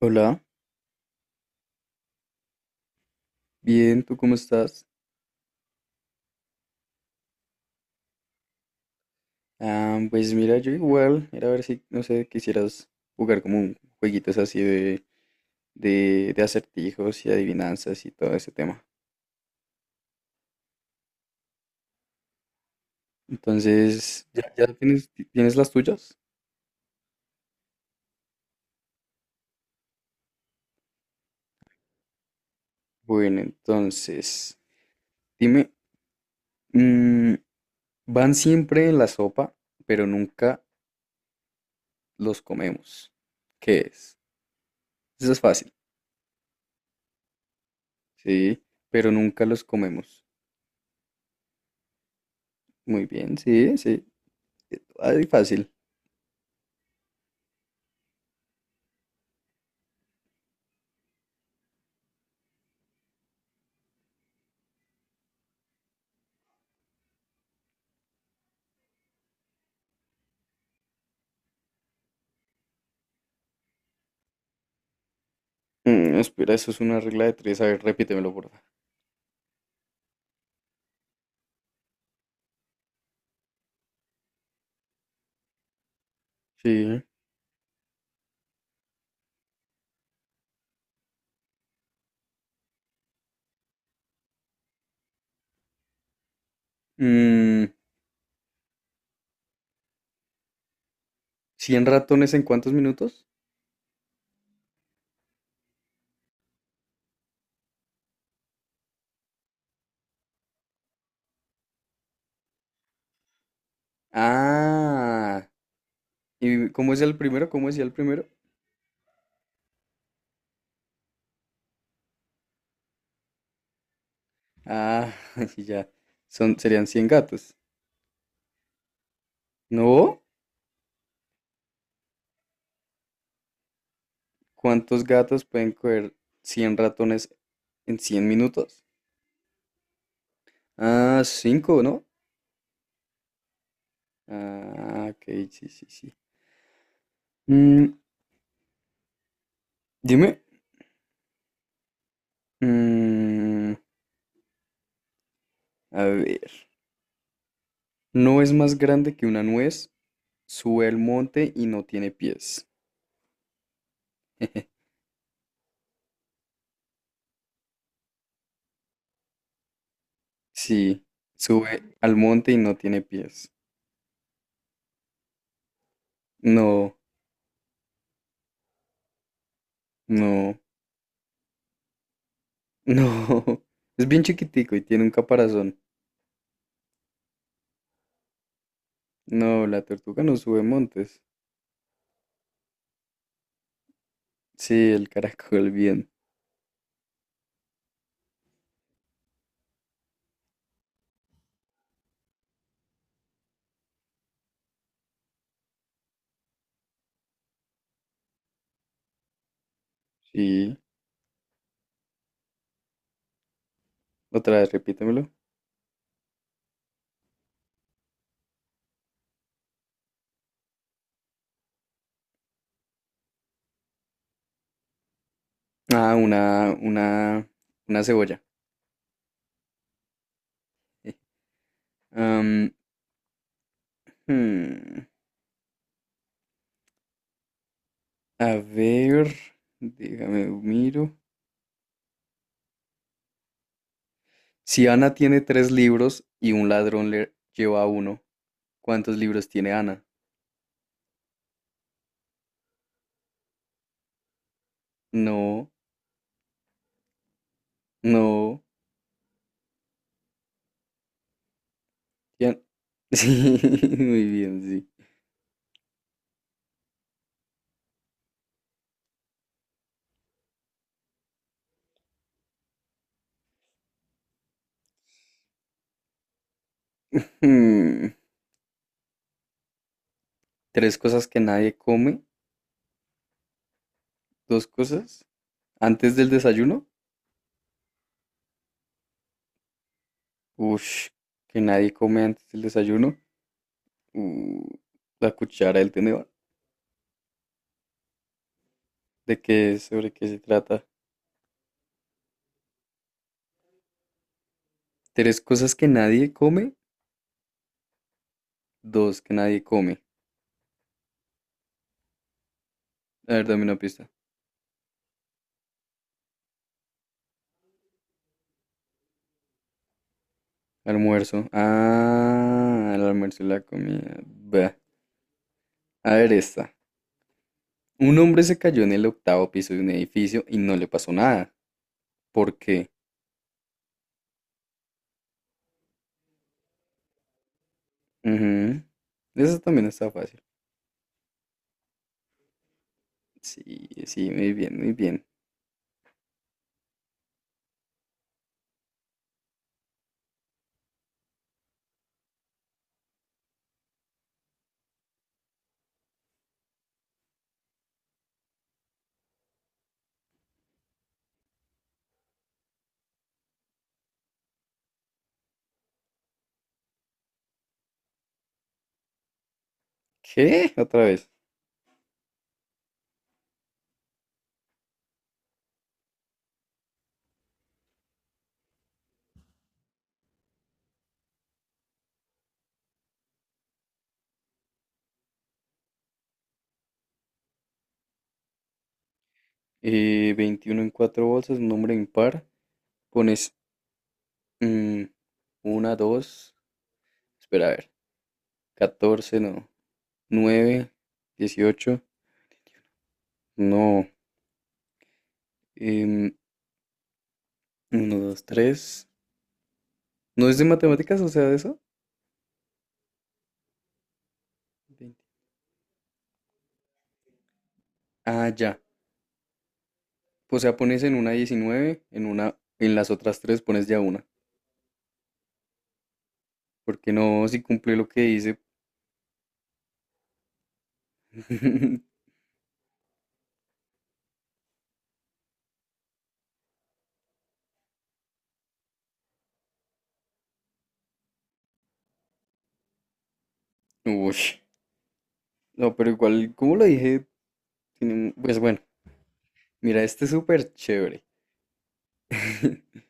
Hola, bien, ¿tú cómo estás? Ah, pues mira, yo igual, era a ver si, no sé, quisieras jugar como un jueguitos así de acertijos y adivinanzas y todo ese tema. Entonces, ¿ya tienes las tuyas? Bueno, entonces, dime, mm, van siempre en la sopa, pero nunca los comemos. ¿Qué es? Eso es fácil, sí, pero nunca los comemos. Muy bien, sí, sí, ay, fácil. Espera, eso es una regla de tres. A ver, repítemelo, porfa. Sí. Mm, ¿100 ratones en cuántos minutos? Ah. ¿Y cómo es el primero? ¿Cómo decía el primero? Ah, sí, ya. Serían 100 gatos. ¿No? ¿Cuántos gatos pueden coger 100 ratones en 100 minutos? Ah, 5, ¿no? Ah, ok, sí, sí, sí. Mm, Dime. Mm, a ver. ¿No es más grande que una nuez? Sube al monte y no tiene pies. Sí, sube al monte y no tiene pies. No, no, no. Es bien chiquitico y tiene un caparazón. No, la tortuga no sube montes. Sí, el caracol bien. Sí. Otra vez, repítemelo. Ah, una cebolla. Am, hmm, A ver, déjame miro. Si Ana tiene tres libros y un ladrón le lleva uno, ¿cuántos libros tiene Ana? No, no. ya- Sí, muy bien, sí. Hmm, Tres cosas que nadie come. Dos cosas. Antes del desayuno. Ush, que nadie come antes del desayuno. Uh, la cuchara el tenedor. ¿De qué es? ¿Sobre qué se trata? Tres cosas que nadie come. Dos que nadie come. A ver, dame una pista. Almuerzo. Ah, el almuerzo y la comida. Bah. A ver, esta. Un hombre se cayó en el octavo piso de un edificio y no le pasó nada. ¿Por qué? Ujú. Eso también está fácil. Sí, sí, muy bien, muy bien. ¿Qué? Otra vez. 21 en cuatro bolsas, un nombre impar. Pones mm, una, dos. Espera, a ver. 14, no. 9, 18, no. em, Uno, dos, tres. ¿No es de matemáticas? O sea, de eso. 20. Ah, ya. O sea, pones en una 19, en las otras tres pones ya una. Porque no, si cumple lo que dice. Uy. No, pero igual, como lo dije, tiene pues bueno, mira, este es súper chévere.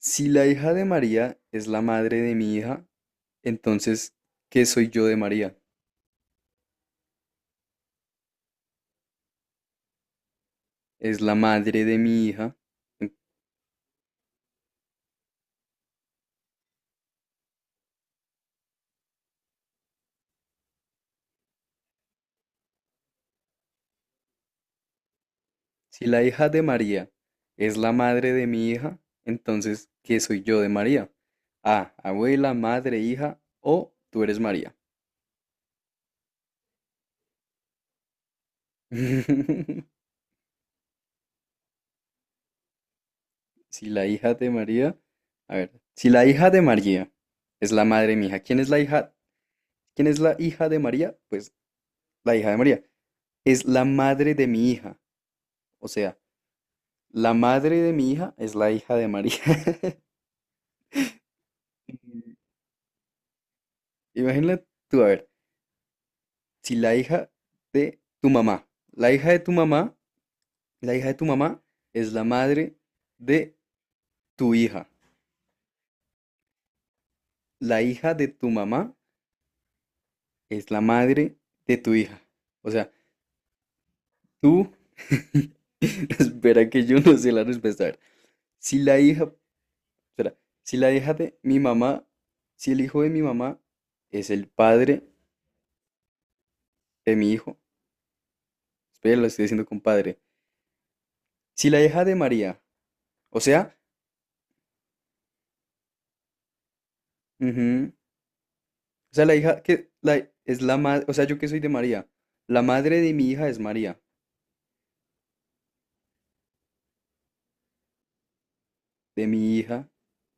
Si la hija de María es la madre de mi hija, entonces, ¿qué soy yo de María? Es la madre de mi hija. En- Si la hija de María es la madre de mi hija, entonces, ¿qué soy yo de María? A, abuela, madre, hija o tú eres María. Si la hija de María, A ver, si la hija de María es la madre de mi hija, ¿quién es la hija? ¿Quién es la hija de María? Pues la hija de María es la madre de mi hija. O sea, la madre de mi hija es la hija de María. Imagínate tú, a ver, si de tu mamá, la hija de tu mamá, la hija de tu mamá es la madre de tu hija. La hija de tu mamá es la madre de tu hija. O sea, Tú, espera que yo no sé la respuesta. A ver, si la hija, espera, si la hija de mi mamá, si el hijo de mi mamá es el padre de mi hijo, espera, lo estoy diciendo con padre. Si la hija de María, o sea, ujú, o sea, la hija es la madre, o sea, yo que soy de María, la madre de mi hija es María, de mi hija,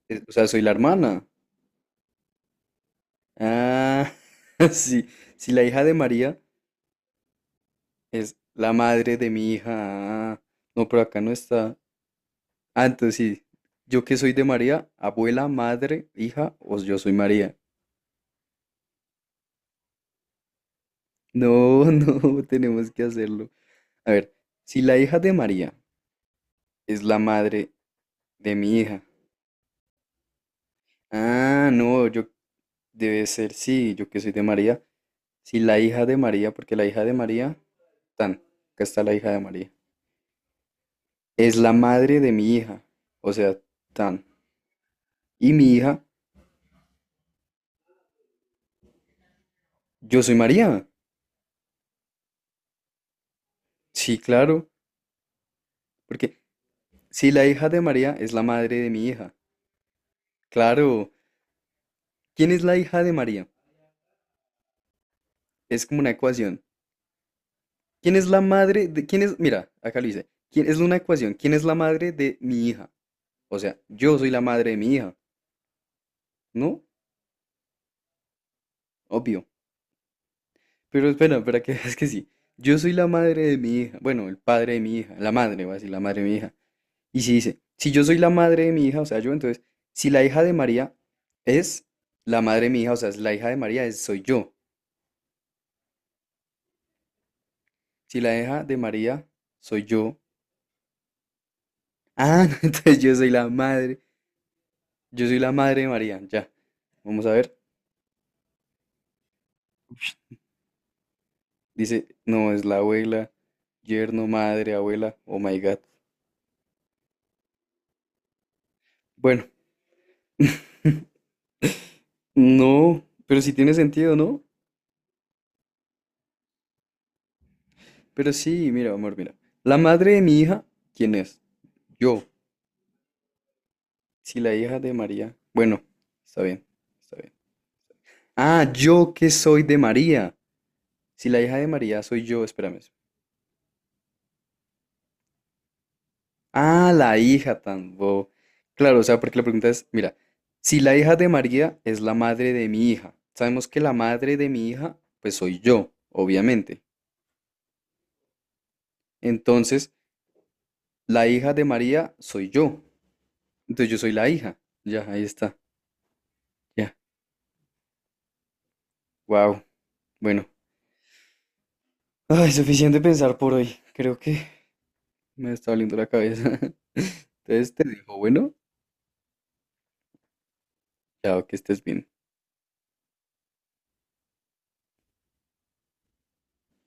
o sea, soy la hermana. Ah, sí, si la hija de María es la madre de mi hija. Ah, no, pero acá no está. Ah, entonces sí. Yo que soy de María, abuela, madre, hija, o yo soy María. No, no, tenemos que hacerlo. A ver, si la hija de María es la madre de mi hija. Ah, no, yo debe ser sí, yo que soy de María. Si la hija de María, porque la hija de María, tan, acá está la hija de María. Es la madre de mi hija, o sea, tan. Y mi hija, yo soy María. Sí, claro, porque si la hija de María es la madre de mi hija. Claro. ¿Quién es la hija de María? Es como una ecuación. ¿Quién es la madre de...? ¿Quién es...? Mira, acá lo dice. ¿Quién es una ecuación? ¿Quién es la madre de mi hija? O sea, yo soy la madre de mi hija, ¿no? Obvio. Pero espera, espera, que es que sí. Yo soy la madre de mi hija. Bueno, el padre de mi hija. La madre, va a decir, la madre de mi hija. Y si dice, si yo soy la madre de mi hija, o sea, yo, entonces, si la hija de María es la madre de mi hija, o sea, si la hija de María es, soy yo. Si la hija de María soy yo. Ah, entonces yo soy la madre. Yo soy la madre de María, ya. Vamos a ver. Dice, no, es la abuela, yerno, madre, abuela. Oh my God. Bueno, no, pero sí tiene sentido, ¿no? Pero sí, mira, amor, mira. La madre de mi hija, ¿quién es? Yo. Si la hija de María. Bueno, está bien, está bien. Ah, yo que soy de María. Si la hija de María soy yo, espérame, ah, la hija tan bobo. Claro, o sea, porque la pregunta es, mira, si la hija de María es la madre de mi hija, sabemos que la madre de mi hija, pues soy yo, obviamente. Entonces, la hija de María soy yo. Entonces yo soy la hija. Ya, ahí está. Ya. Wow. Bueno. Ay, suficiente pensar por hoy. Creo que me está doliendo la cabeza. Entonces te dejo, bueno, chao, que estés bien.